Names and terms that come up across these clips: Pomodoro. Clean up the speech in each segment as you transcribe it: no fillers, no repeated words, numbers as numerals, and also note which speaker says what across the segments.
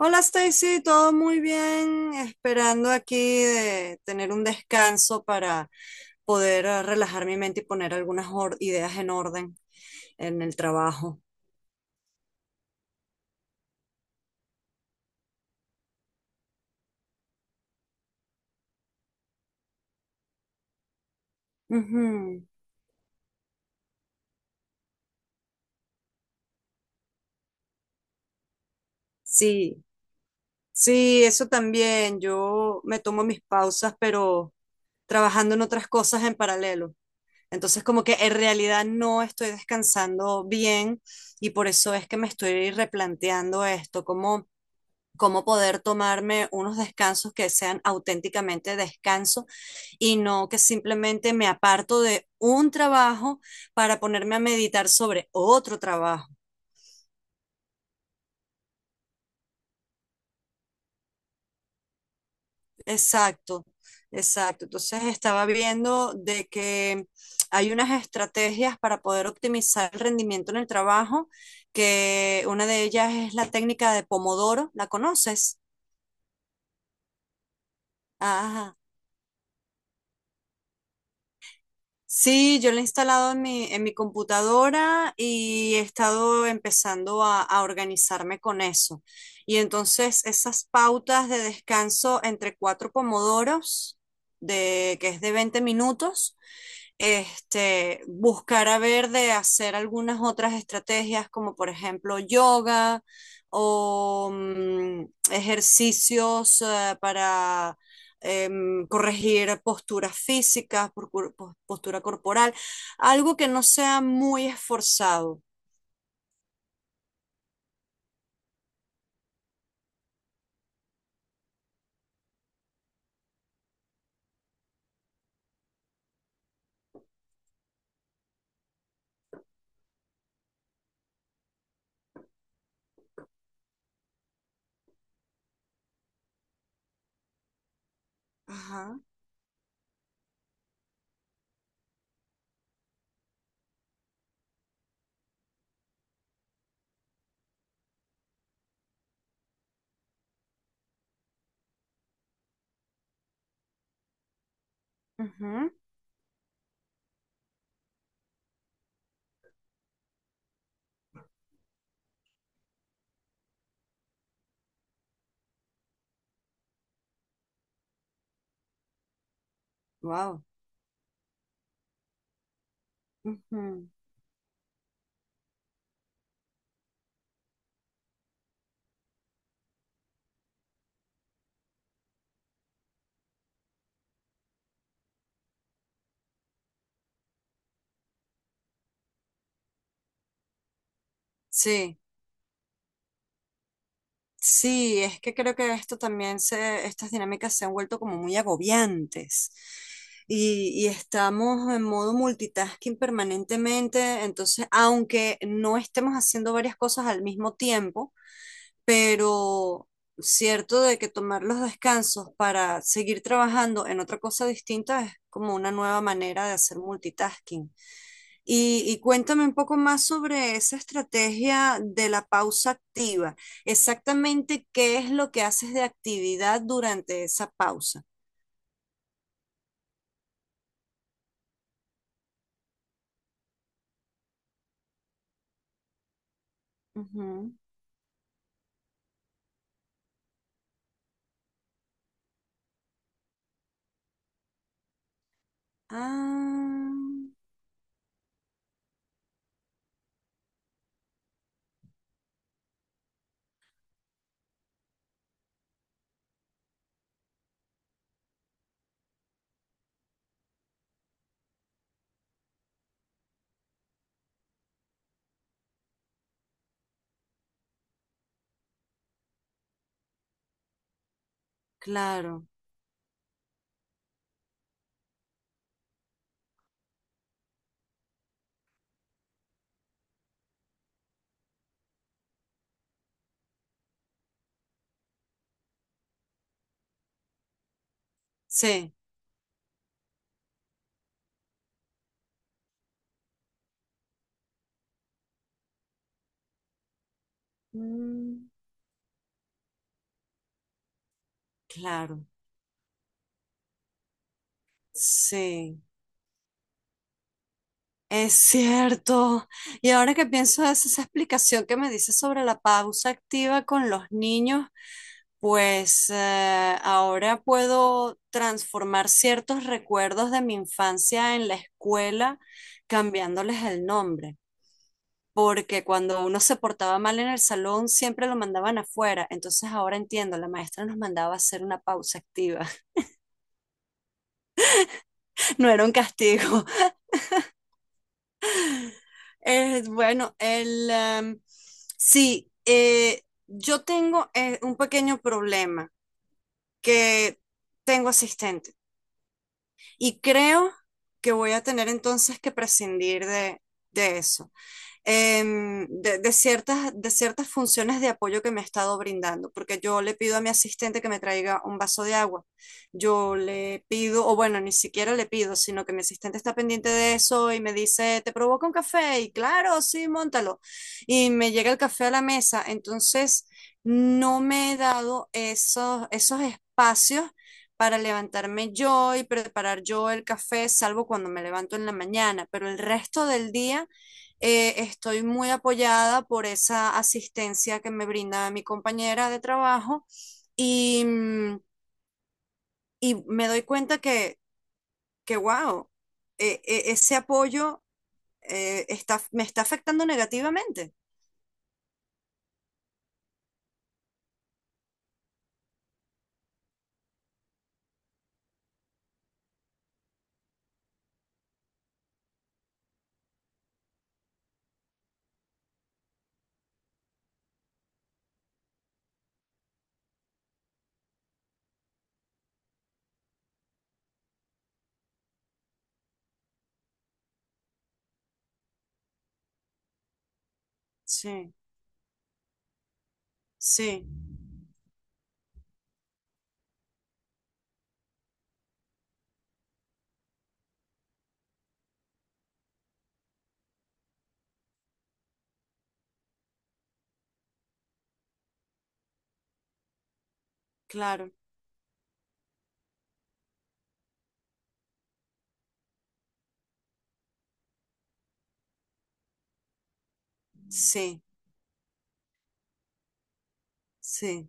Speaker 1: Hola Stacy, todo muy bien, esperando aquí de tener un descanso para poder relajar mi mente y poner ideas en orden en el trabajo. Ujú. Sí, sí, eso también. Yo me tomo mis pausas, pero trabajando en otras cosas en paralelo. Entonces, como que en realidad no estoy descansando bien y por eso es que me estoy replanteando esto, cómo poder tomarme unos descansos que sean auténticamente descanso y no que simplemente me aparto de un trabajo para ponerme a meditar sobre otro trabajo. Exacto, exacto. Entonces estaba viendo de que hay unas estrategias para poder optimizar el rendimiento en el trabajo, que una de ellas es la técnica de Pomodoro, ¿la conoces? Ajá. Sí, yo lo he instalado en mi computadora y he estado empezando a organizarme con eso. Y entonces esas pautas de descanso entre cuatro pomodoros, que es de 20 minutos, este, buscar a ver de hacer algunas otras estrategias como por ejemplo yoga o ejercicios para corregir posturas físicas, postura corporal, algo que no sea muy esforzado. Ajá. Wow. Sí, sí, es que creo que estas dinámicas se han vuelto como muy agobiantes. Y estamos en modo multitasking permanentemente, entonces, aunque no estemos haciendo varias cosas al mismo tiempo, pero cierto de que tomar los descansos para seguir trabajando en otra cosa distinta es como una nueva manera de hacer multitasking. Y cuéntame un poco más sobre esa estrategia de la pausa activa. Exactamente qué es lo que haces de actividad durante esa pausa. Ujú. Ah, claro. Sí. Mm, claro. Sí. Es cierto. Y ahora que pienso es esa explicación que me dices sobre la pausa activa con los niños, pues ahora puedo transformar ciertos recuerdos de mi infancia en la escuela cambiándoles el nombre, porque cuando uno se portaba mal en el salón siempre lo mandaban afuera. Entonces ahora entiendo, la maestra nos mandaba a hacer una pausa activa, no era un castigo. Bueno, sí, yo tengo un pequeño problema, que tengo asistente y creo que voy a tener entonces que prescindir de eso de ciertas funciones de apoyo que me ha estado brindando, porque yo le pido a mi asistente que me traiga un vaso de agua, yo le pido, o bueno, ni siquiera le pido, sino que mi asistente está pendiente de eso y me dice, ¿te provoca un café? Y claro, sí, móntalo. Y me llega el café a la mesa, entonces no me he dado esos espacios para levantarme yo y preparar yo el café, salvo cuando me levanto en la mañana, pero el resto del día estoy muy apoyada por esa asistencia que me brinda mi compañera de trabajo y, mm, y me doy que wow, ese apoyo me está afectando negativamente. Sí, sí, claro, sí, sí.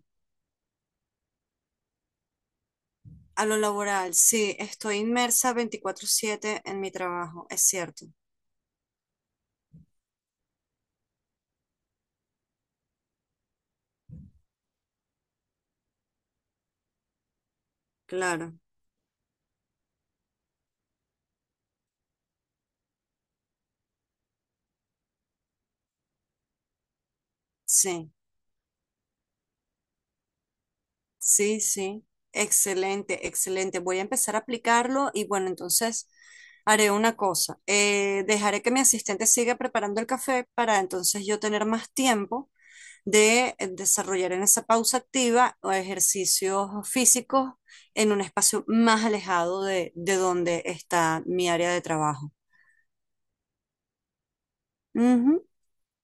Speaker 1: A lo laboral, sí, estoy inmersa 24/7 en mi trabajo, es cierto, claro, sí. Sí, excelente, excelente. Voy a empezar a aplicarlo y bueno, entonces haré una cosa. Dejaré que mi asistente siga preparando el café para entonces yo tener más tiempo de desarrollar en esa pausa activa o ejercicios físicos en un espacio más alejado de donde está mi área de trabajo. Ujú.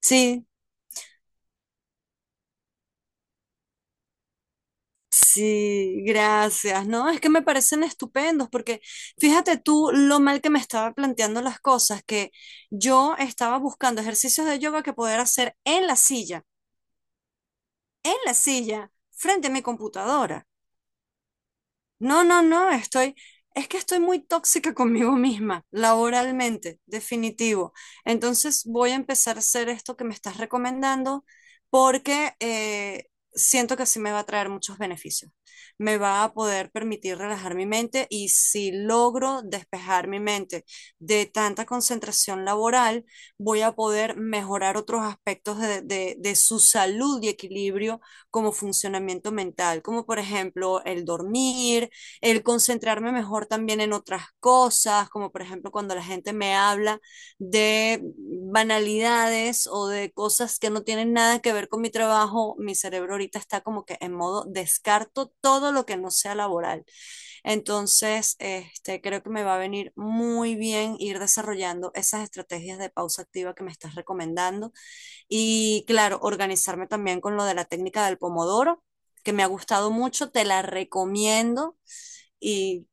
Speaker 1: Sí. Sí, gracias. No, es que me parecen estupendos porque fíjate tú lo mal que me estaba planteando las cosas, que yo estaba buscando ejercicios de yoga que poder hacer en la silla, frente a mi computadora. No, no, no, es que estoy muy tóxica conmigo misma, laboralmente, definitivo. Entonces voy a empezar a hacer esto que me estás recomendando porque siento que sí me va a traer muchos beneficios. Me va a poder permitir relajar mi mente y si logro despejar mi mente de tanta concentración laboral, voy a poder mejorar otros aspectos de su salud y equilibrio como funcionamiento mental, como por ejemplo el dormir el concentrarme mejor también en otras cosas, como por ejemplo cuando la gente me habla de banalidades o de cosas que no tienen nada que ver con mi trabajo, mi cerebro ahorita está como que en modo descarto todo lo que no sea laboral. Entonces, este, creo que me va a venir muy bien ir desarrollando esas estrategias de pausa activa que me estás recomendando y claro, organizarme también con lo de la técnica del pomodoro que me ha gustado mucho, te la recomiendo y,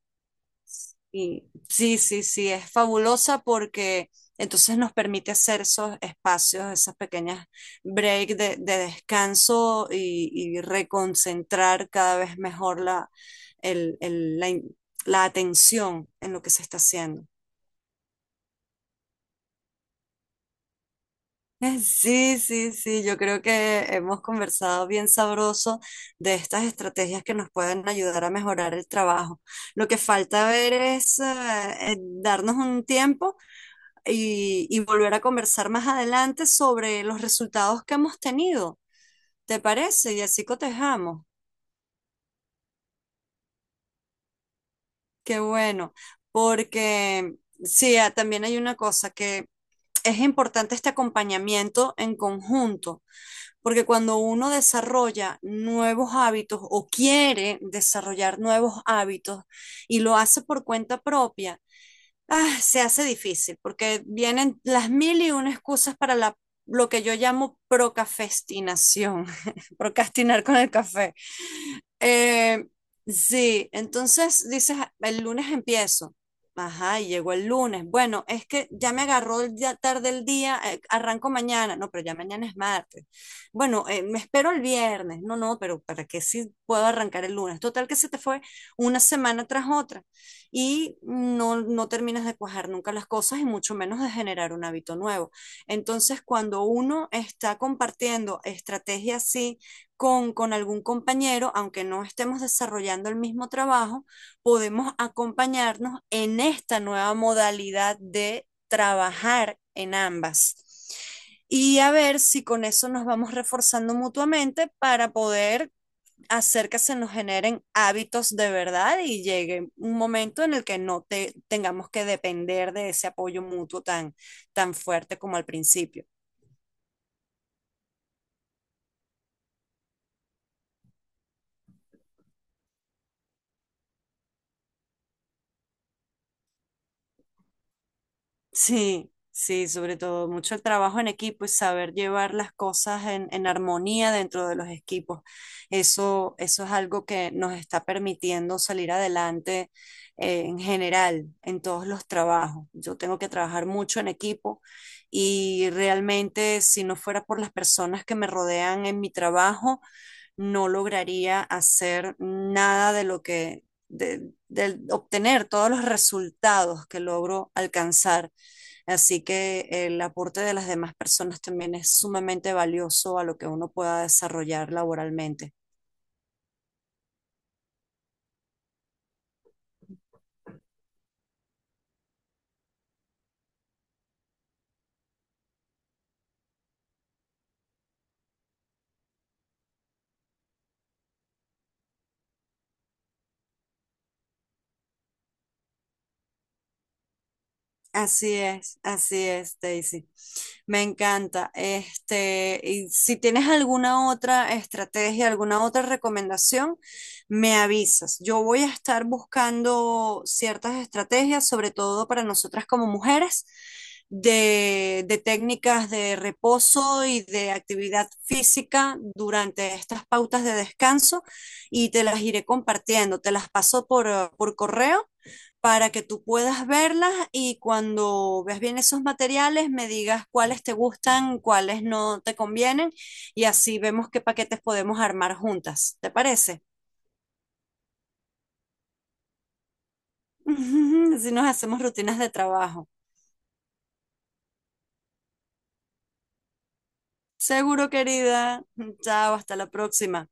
Speaker 1: y sí, es fabulosa porque entonces nos permite hacer esos espacios, esas pequeñas break de descanso y reconcentrar cada vez mejor la, el- la, in- la atención en lo que se está haciendo. Sí, yo creo que hemos conversado bien sabroso de estas estrategias que nos pueden ayudar a mejorar el trabajo. Lo que falta ver es darnos un tiempo y volver a conversar más adelante sobre los resultados que hemos tenido. ¿Te parece? Y así cotejamos. Qué bueno, porque sí, ah, también hay una cosa que es importante este acompañamiento en conjunto, porque cuando uno desarrolla nuevos hábitos o quiere desarrollar nuevos hábitos y lo hace por cuenta propia, ah, se hace difícil porque vienen las mil y una excusas lo que yo llamo procafestinación, procrastinar con el café. Eh, sí, entonces dices, "Ah, el lunes empiezo. Ajá, y llegó el lunes. Bueno, es que ya me agarró tarde el día, arranco mañana. No, pero ya mañana es martes. Bueno, me espero el viernes. No, no, pero ¿para qué si puedo arrancar el lunes? Total que se te fue una semana tras otra y no terminas de cuajar nunca las cosas y mucho menos de generar un hábito nuevo. Entonces, cuando uno está compartiendo estrategias así, con algún compañero, aunque no estemos desarrollando el mismo trabajo, podemos acompañarnos en esta nueva modalidad de trabajar en ambas. Y a ver si con eso nos vamos reforzando mutuamente para poder hacer que se nos generen hábitos de verdad y llegue un momento en el que no te, tengamos que depender de ese apoyo mutuo tan, tan fuerte como al principio. Sí, sobre todo mucho el trabajo en equipo y saber llevar las cosas en armonía dentro de los equipos. Eso es algo que nos está permitiendo salir adelante en general, en todos los trabajos. Yo tengo que trabajar mucho en equipo y realmente si no fuera por las personas que me rodean en mi trabajo, no lograría hacer nada de obtener todos los resultados que logro alcanzar. Así que el aporte de las demás personas también es sumamente valioso a lo que uno pueda desarrollar laboralmente. Así es, Daisy. Me encanta. Este, y si tienes alguna otra estrategia, alguna otra recomendación, me avisas. Yo voy a estar buscando ciertas estrategias, sobre todo para nosotras como mujeres, de técnicas de reposo y de actividad física durante estas pautas de descanso y te las iré compartiendo. Te las paso por correo para que tú puedas verlas y cuando veas bien esos materiales me digas cuáles te gustan, cuáles no te convienen y así vemos qué paquetes podemos armar juntas. ¿Te parece? Así nos hacemos rutinas de trabajo. Seguro, querida. Chao, hasta la próxima.